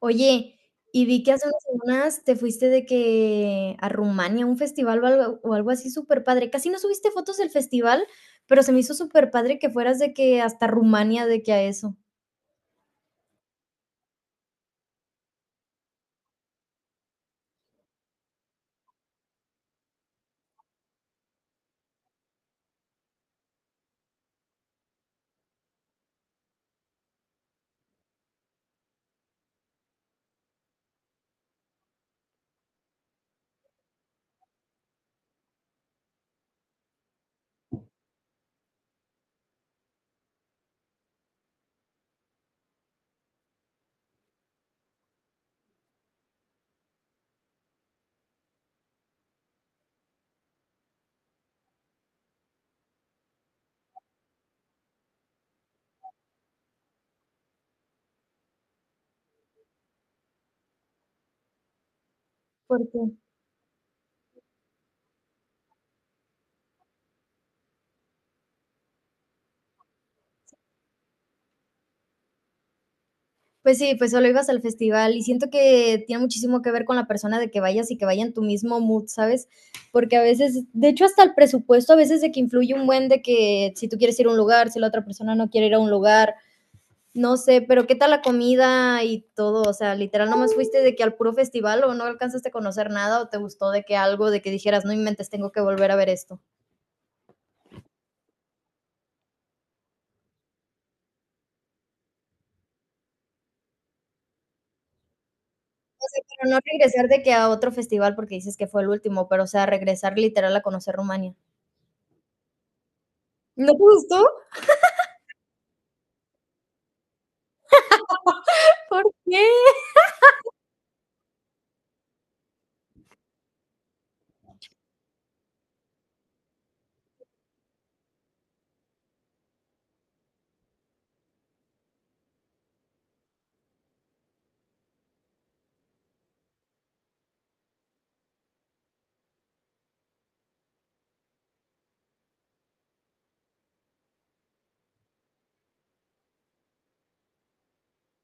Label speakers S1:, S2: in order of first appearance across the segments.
S1: Oye, y vi que hace unas semanas te fuiste de que a Rumania, a un festival o algo así súper padre. Casi no subiste fotos del festival, pero se me hizo súper padre que fueras de que hasta Rumania, de que a eso. ¿Por qué? Pues sí, pues solo ibas al festival y siento que tiene muchísimo que ver con la persona de que vayas y que vaya en tu mismo mood, ¿sabes? Porque a veces, de hecho, hasta el presupuesto a veces de que influye un buen de que si tú quieres ir a un lugar, si la otra persona no quiere ir a un lugar, no sé, pero ¿qué tal la comida y todo? O sea, literal, nomás fuiste de que al puro festival o no alcanzaste a conocer nada o te gustó de que algo, de que dijeras, no inventes, tengo que volver a ver esto. O sea, pero no regresar de que a otro festival porque dices que fue el último, pero o sea, regresar literal a conocer Rumania. ¿No te gustó? ¿Por qué?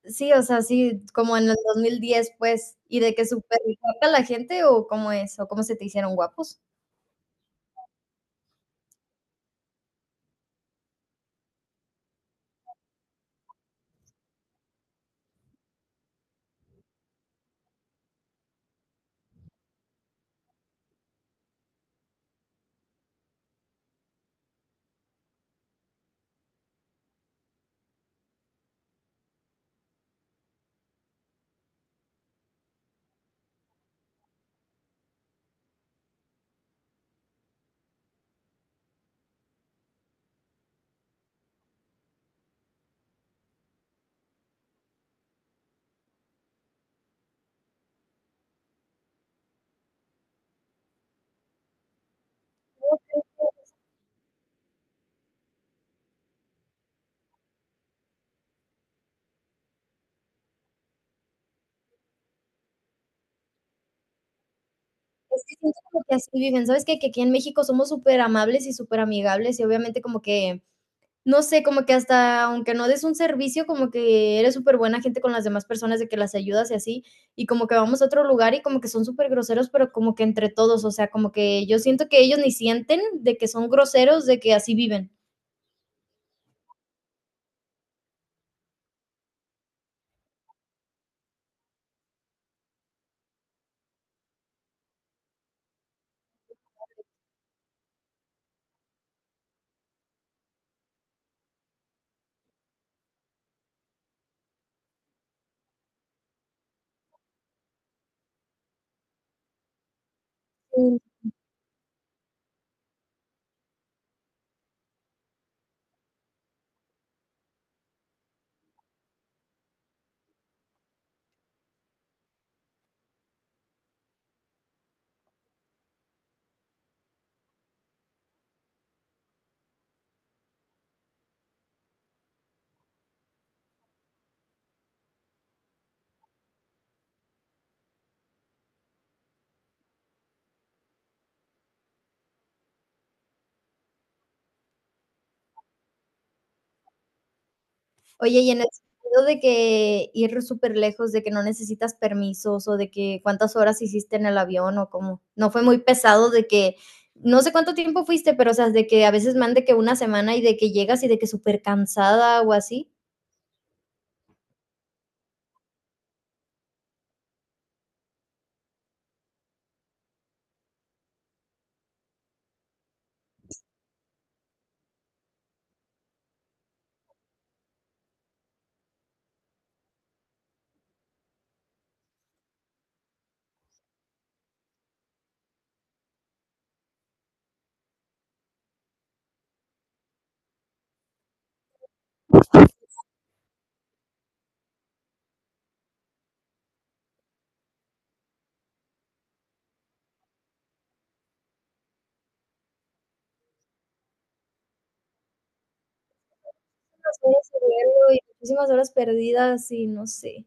S1: Sí, o sea, sí, como en el 2010, pues, y de que súper guapa la gente o cómo es, o cómo se te hicieron guapos. Es que siento como que así viven, ¿sabes? Que aquí en México somos súper amables y súper amigables y obviamente como que no sé, como que hasta aunque no des un servicio, como que eres súper buena gente con las demás personas, de que las ayudas y así, y como que vamos a otro lugar y como que son súper groseros, pero como que entre todos, o sea, como que yo siento que ellos ni sienten de que son groseros, de que así viven. Oye, y en el sentido de que ir súper lejos, de que no necesitas permisos, o de que cuántas horas hiciste en el avión, o cómo, ¿no fue muy pesado de que no sé cuánto tiempo fuiste, pero, o sea, de que a veces me han de que una semana y de que llegas y de que súper cansada o así? Muchísimas horas perdidas y muchísimas horas perdidas y no sé.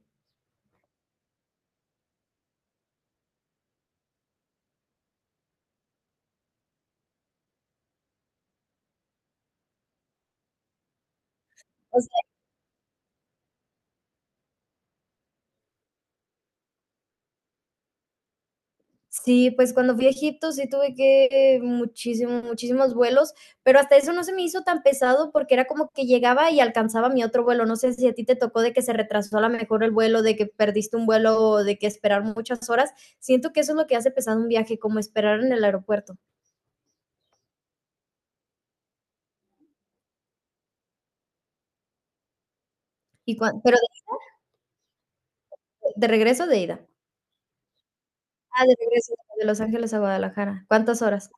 S1: Sí, pues cuando fui a Egipto sí tuve que muchísimo, muchísimos vuelos, pero hasta eso no se me hizo tan pesado porque era como que llegaba y alcanzaba mi otro vuelo. No sé si a ti te tocó de que se retrasó a lo mejor el vuelo, de que perdiste un vuelo o de que esperar muchas horas. Siento que eso es lo que hace pesado un viaje, como esperar en el aeropuerto. Y cuan pero de regreso o de ida. Ah, de regreso de Los Ángeles a Guadalajara, ¿cuántas horas?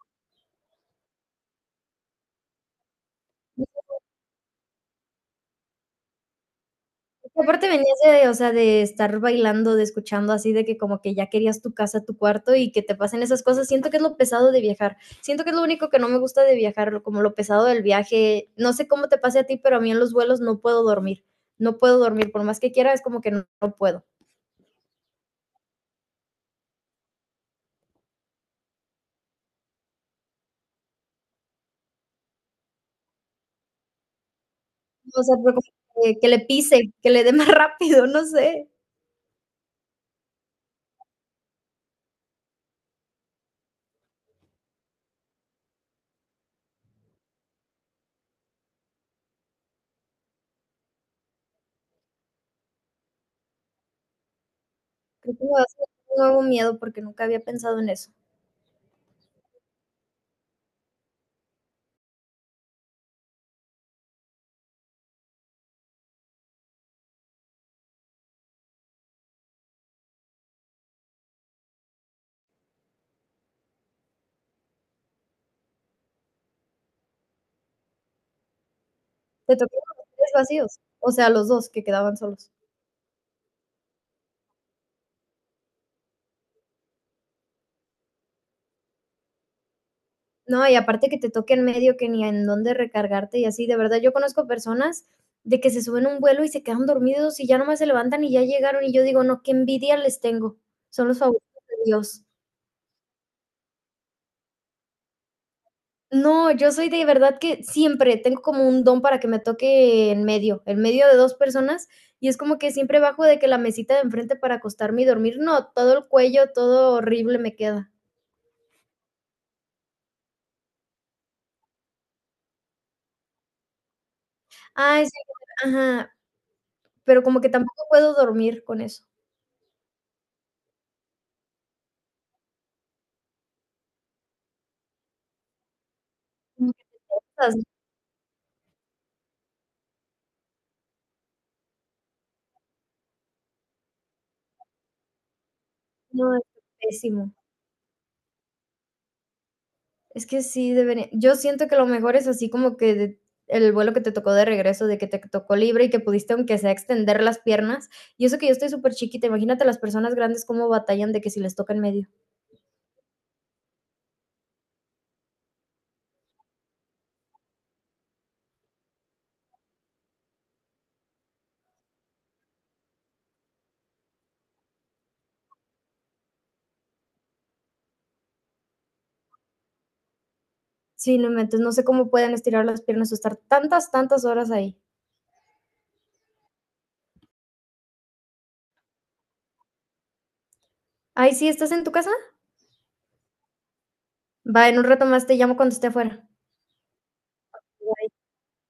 S1: Y aparte venías de, o sea, de estar bailando, de escuchando así, de que como que ya querías tu casa, tu cuarto y que te pasen esas cosas. Siento que es lo pesado de viajar. Siento que es lo único que no me gusta de viajar, lo- como lo pesado del viaje. No sé cómo te pase a ti, pero a mí en los vuelos no puedo dormir. No puedo dormir, por más que quiera, es como que no, no puedo. O sea, pero como que le pise, que le dé más rápido, no sé. Creo que me va a ser un nuevo miedo porque nunca había pensado en eso. ¿Te tocaron los 3 vacíos? O sea, los 2 que quedaban solos. No, y aparte que te toque en medio, que ni en dónde recargarte y así, de verdad yo conozco personas de que se suben a un vuelo y se quedan dormidos y ya nomás se levantan y ya llegaron y yo digo, no, qué envidia les tengo, son los favoritos de Dios. No, yo soy de verdad que siempre tengo como un don para que me toque en medio de 2 personas, y es como que siempre bajo de que la mesita de enfrente para acostarme y dormir, no, todo el cuello, todo horrible me queda. Ay, sí, ajá, pero como que tampoco puedo dormir con eso. Como que esas. No, es pésimo. Es que sí debería yo siento que lo mejor es así como que de el vuelo que te tocó de regreso, de que te tocó libre y que pudiste, aunque sea, extender las piernas. Y eso que yo estoy súper chiquita. Imagínate las personas grandes cómo batallan de que si les toca en medio. Sí, no inventes, no sé cómo pueden estirar las piernas o estar tantas, tantas horas ahí. Ay, sí, ¿estás en tu casa? Va, en un rato más te llamo cuando esté afuera.